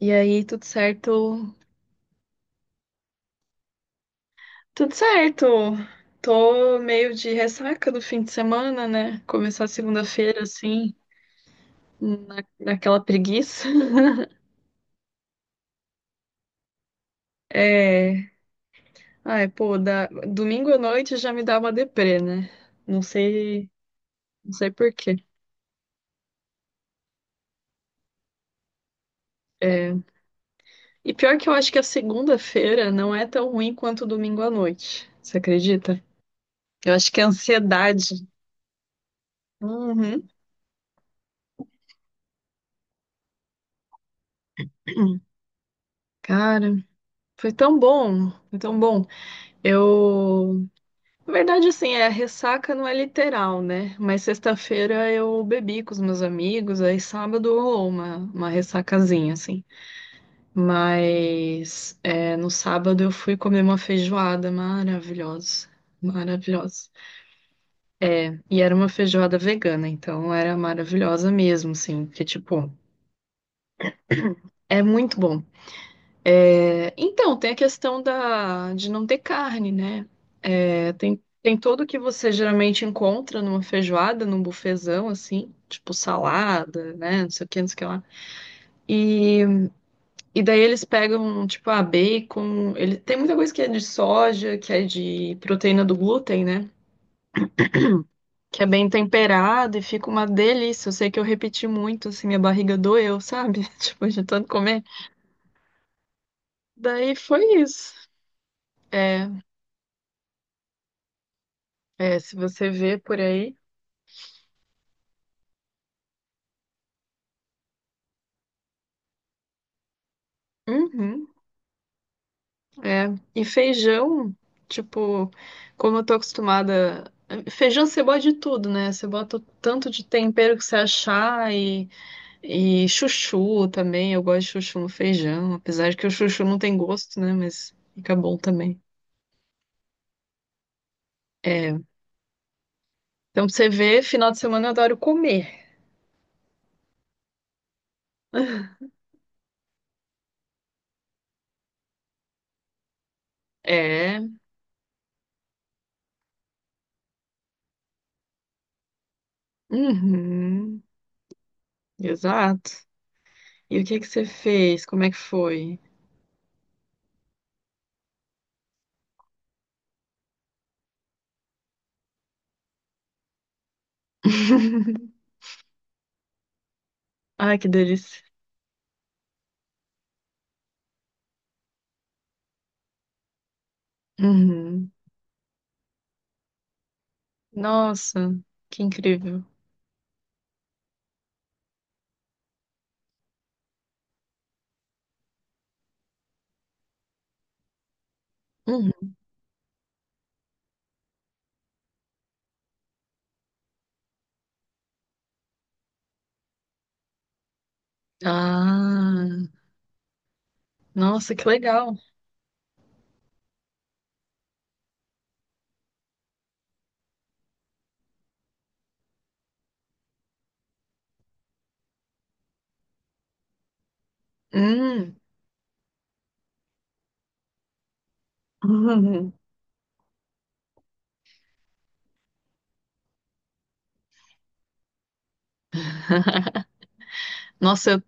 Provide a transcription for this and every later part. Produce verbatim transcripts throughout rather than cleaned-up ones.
E aí, tudo certo? Tudo certo. Tô meio de ressaca do fim de semana, né? Começar segunda-feira assim, na, naquela preguiça. É. Ai, pô, da... domingo à noite já me dá uma deprê, né? Não sei, não sei por quê. É. E pior que eu acho que a segunda-feira não é tão ruim quanto o domingo à noite. Você acredita? Eu acho que é ansiedade. Uhum. Cara, foi tão bom, foi tão bom. Eu Na verdade, assim, é, ressaca não é literal, né? Mas sexta-feira eu bebi com os meus amigos, aí sábado rolou uma, uma ressacazinha, assim. Mas é, no sábado eu fui comer uma feijoada maravilhosa, maravilhosa. E era uma feijoada vegana, então era maravilhosa mesmo, assim, porque, tipo, é muito bom. É, então, tem a questão da, de não ter carne, né? É, tem, tem tudo que você geralmente encontra numa feijoada, num bufezão, assim, tipo salada, né? Não sei o que, não sei o que lá. E, e daí eles pegam, tipo, a bacon. Ele, tem muita coisa que é de soja, que é de proteína do glúten, né? Que é bem temperado e fica uma delícia. Eu sei que eu repeti muito, assim, minha barriga doeu, sabe? Tipo, de tanto comer. Daí foi isso. É, é, se você vê por aí. Uhum. É. E feijão, tipo, como eu tô acostumada. Feijão você bota de tudo, né? Você bota o tanto de tempero que você achar e, e chuchu também. Eu gosto de chuchu no feijão, apesar de que o chuchu não tem gosto, né? Mas fica bom também. É. Então, pra você vê, final de semana eu adoro comer. É. Uhum. Exato. E o que que você fez? Como é que foi? Ai, que delícia. Uhum. Nossa, que incrível. Hum. Ah, nossa, que legal. Hum. Nossa, eu,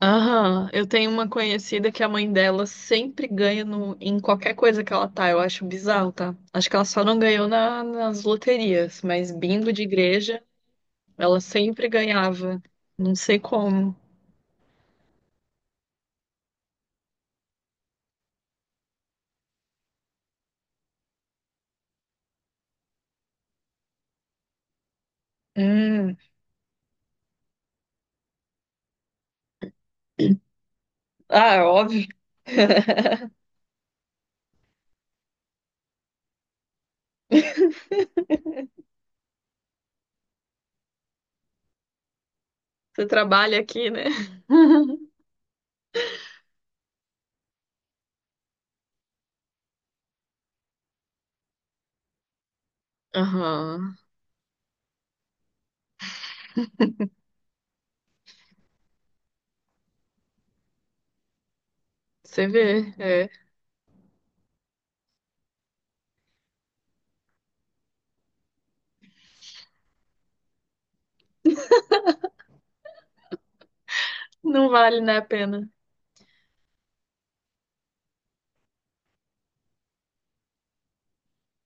aham, eu tenho uma conhecida que a mãe dela sempre ganha no, em qualquer coisa que ela tá. Eu acho bizarro, tá? Acho que ela só não ganhou na- nas loterias, mas bingo de igreja, ela sempre ganhava. Não sei como. Hum. Ah, óbvio. Você trabalha aqui, né? Aham. Você vê, é. Não vale, né, a pena.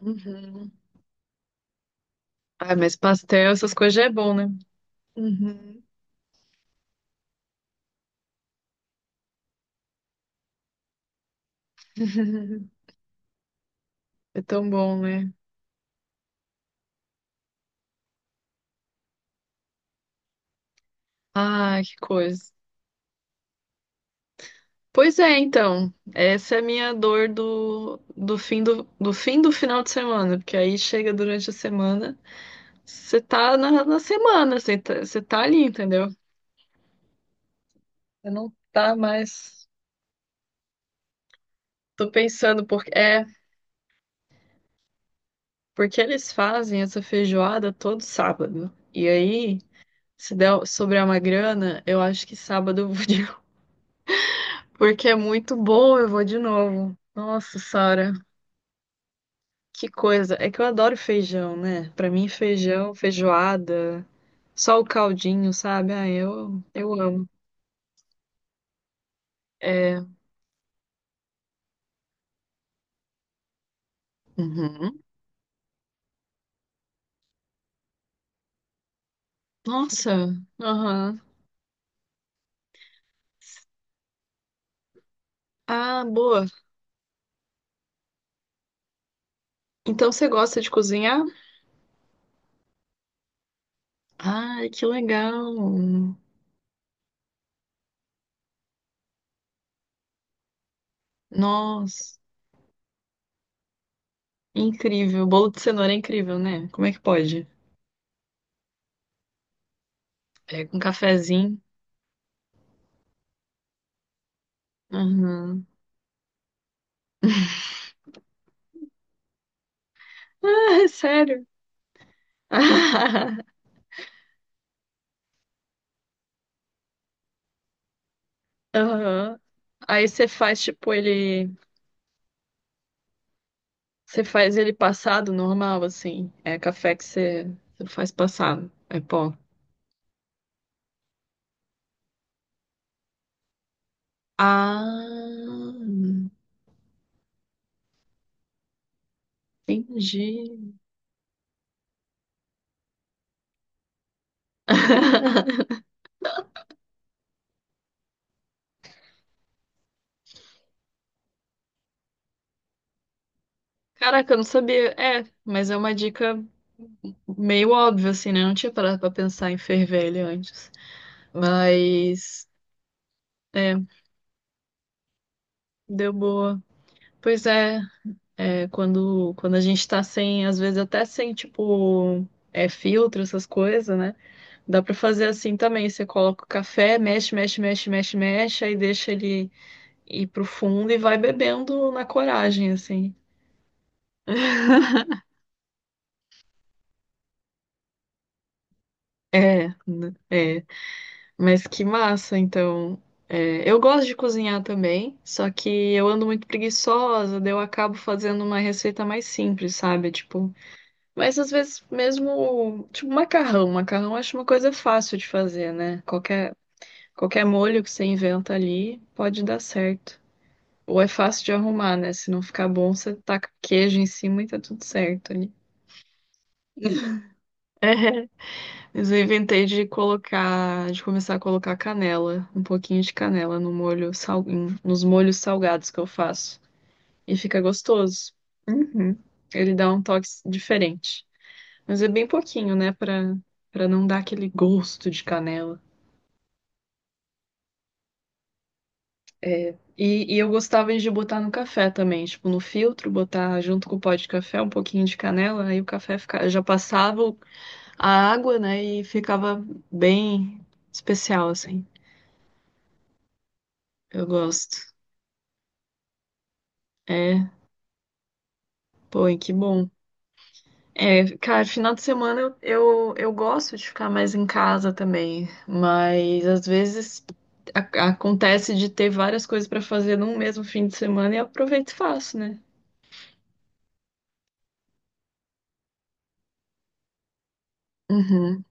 Uhum. Ah, mas pastel, essas coisas já é bom, né? Uhum. É tão bom, né? Ah, que coisa. Pois é, então. Essa é a minha dor do, do fim do, do fim do final de semana, porque aí chega durante a semana, você tá na, na semana, você tá, você tá ali, entendeu? Você não tá mais. Tô pensando, porque é, porque eles fazem essa feijoada todo sábado. E aí, se der, sobrar uma grana, eu acho que sábado eu vou Porque é muito bom, eu vou de novo. Nossa, Sara, que coisa. É que eu adoro feijão, né? Pra mim, feijão, feijoada, só o caldinho, sabe? Ah, eu, eu amo. É. Uhum. Nossa, aham. Ah, boa. Então você gosta de cozinhar? Ai, que legal. Nossa, incrível. Bolo de cenoura é incrível, né? Como é que pode? É, com cafezinho. Aham. Ah, é sério? Aham. Aí você faz, tipo, ele. Você faz ele passado normal, assim. É café que você, você faz passado. É pó. Ah, entendi. Caraca, eu não sabia. É, mas é uma dica meio óbvia, assim, né? Eu não tinha parado pra pensar em ferver ele antes. Mas, é, deu boa. Pois é, é, quando, quando a gente tá sem, às vezes até sem, tipo, é, filtro, essas coisas, né? Dá pra fazer assim também. Você coloca o café, mexe, mexe, mexe, mexe, mexe, aí deixa ele ir pro fundo e vai bebendo na coragem, assim. É, né? É. Mas que massa, então. É, eu gosto de cozinhar também, só que eu ando muito preguiçosa, daí eu acabo fazendo uma receita mais simples, sabe? Tipo, mas às vezes mesmo, tipo, macarrão. Macarrão eu acho uma coisa fácil de fazer, né? Qualquer, qualquer molho que você inventa ali pode dar certo. Ou é fácil de arrumar, né? Se não ficar bom, você taca queijo em cima e tá tudo certo ali. Mas eu inventei de colocar, de começar a colocar canela, um pouquinho de canela no molho, sal, em- nos molhos salgados que eu faço. E fica gostoso. Uhum. Ele dá um toque diferente. Mas é bem pouquinho, né? Pra, pra não dar aquele gosto de canela. E, e eu gostava de botar no café também, tipo, no filtro, botar junto com o pó de café um pouquinho de canela, aí o café fica, já passava o a água, né? E ficava bem especial, assim. Eu gosto. É, pô, e que bom. É, cara, final de semana eu, eu, eu gosto de ficar mais em casa também, mas às vezes a- acontece de ter várias coisas pra fazer num mesmo fim de semana e eu aproveito e faço, né? Uhum,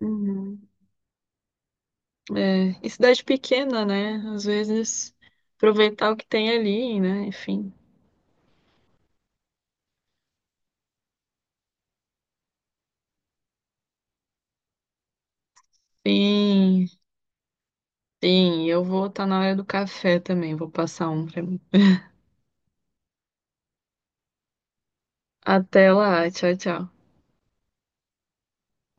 uhum. É, e cidade pequena, né? Às vezes aproveitar o que tem ali, né? Enfim. Sim. Sim, eu vou estar na hora do café também. Vou passar um pra mim. Até lá. Tchau, tchau.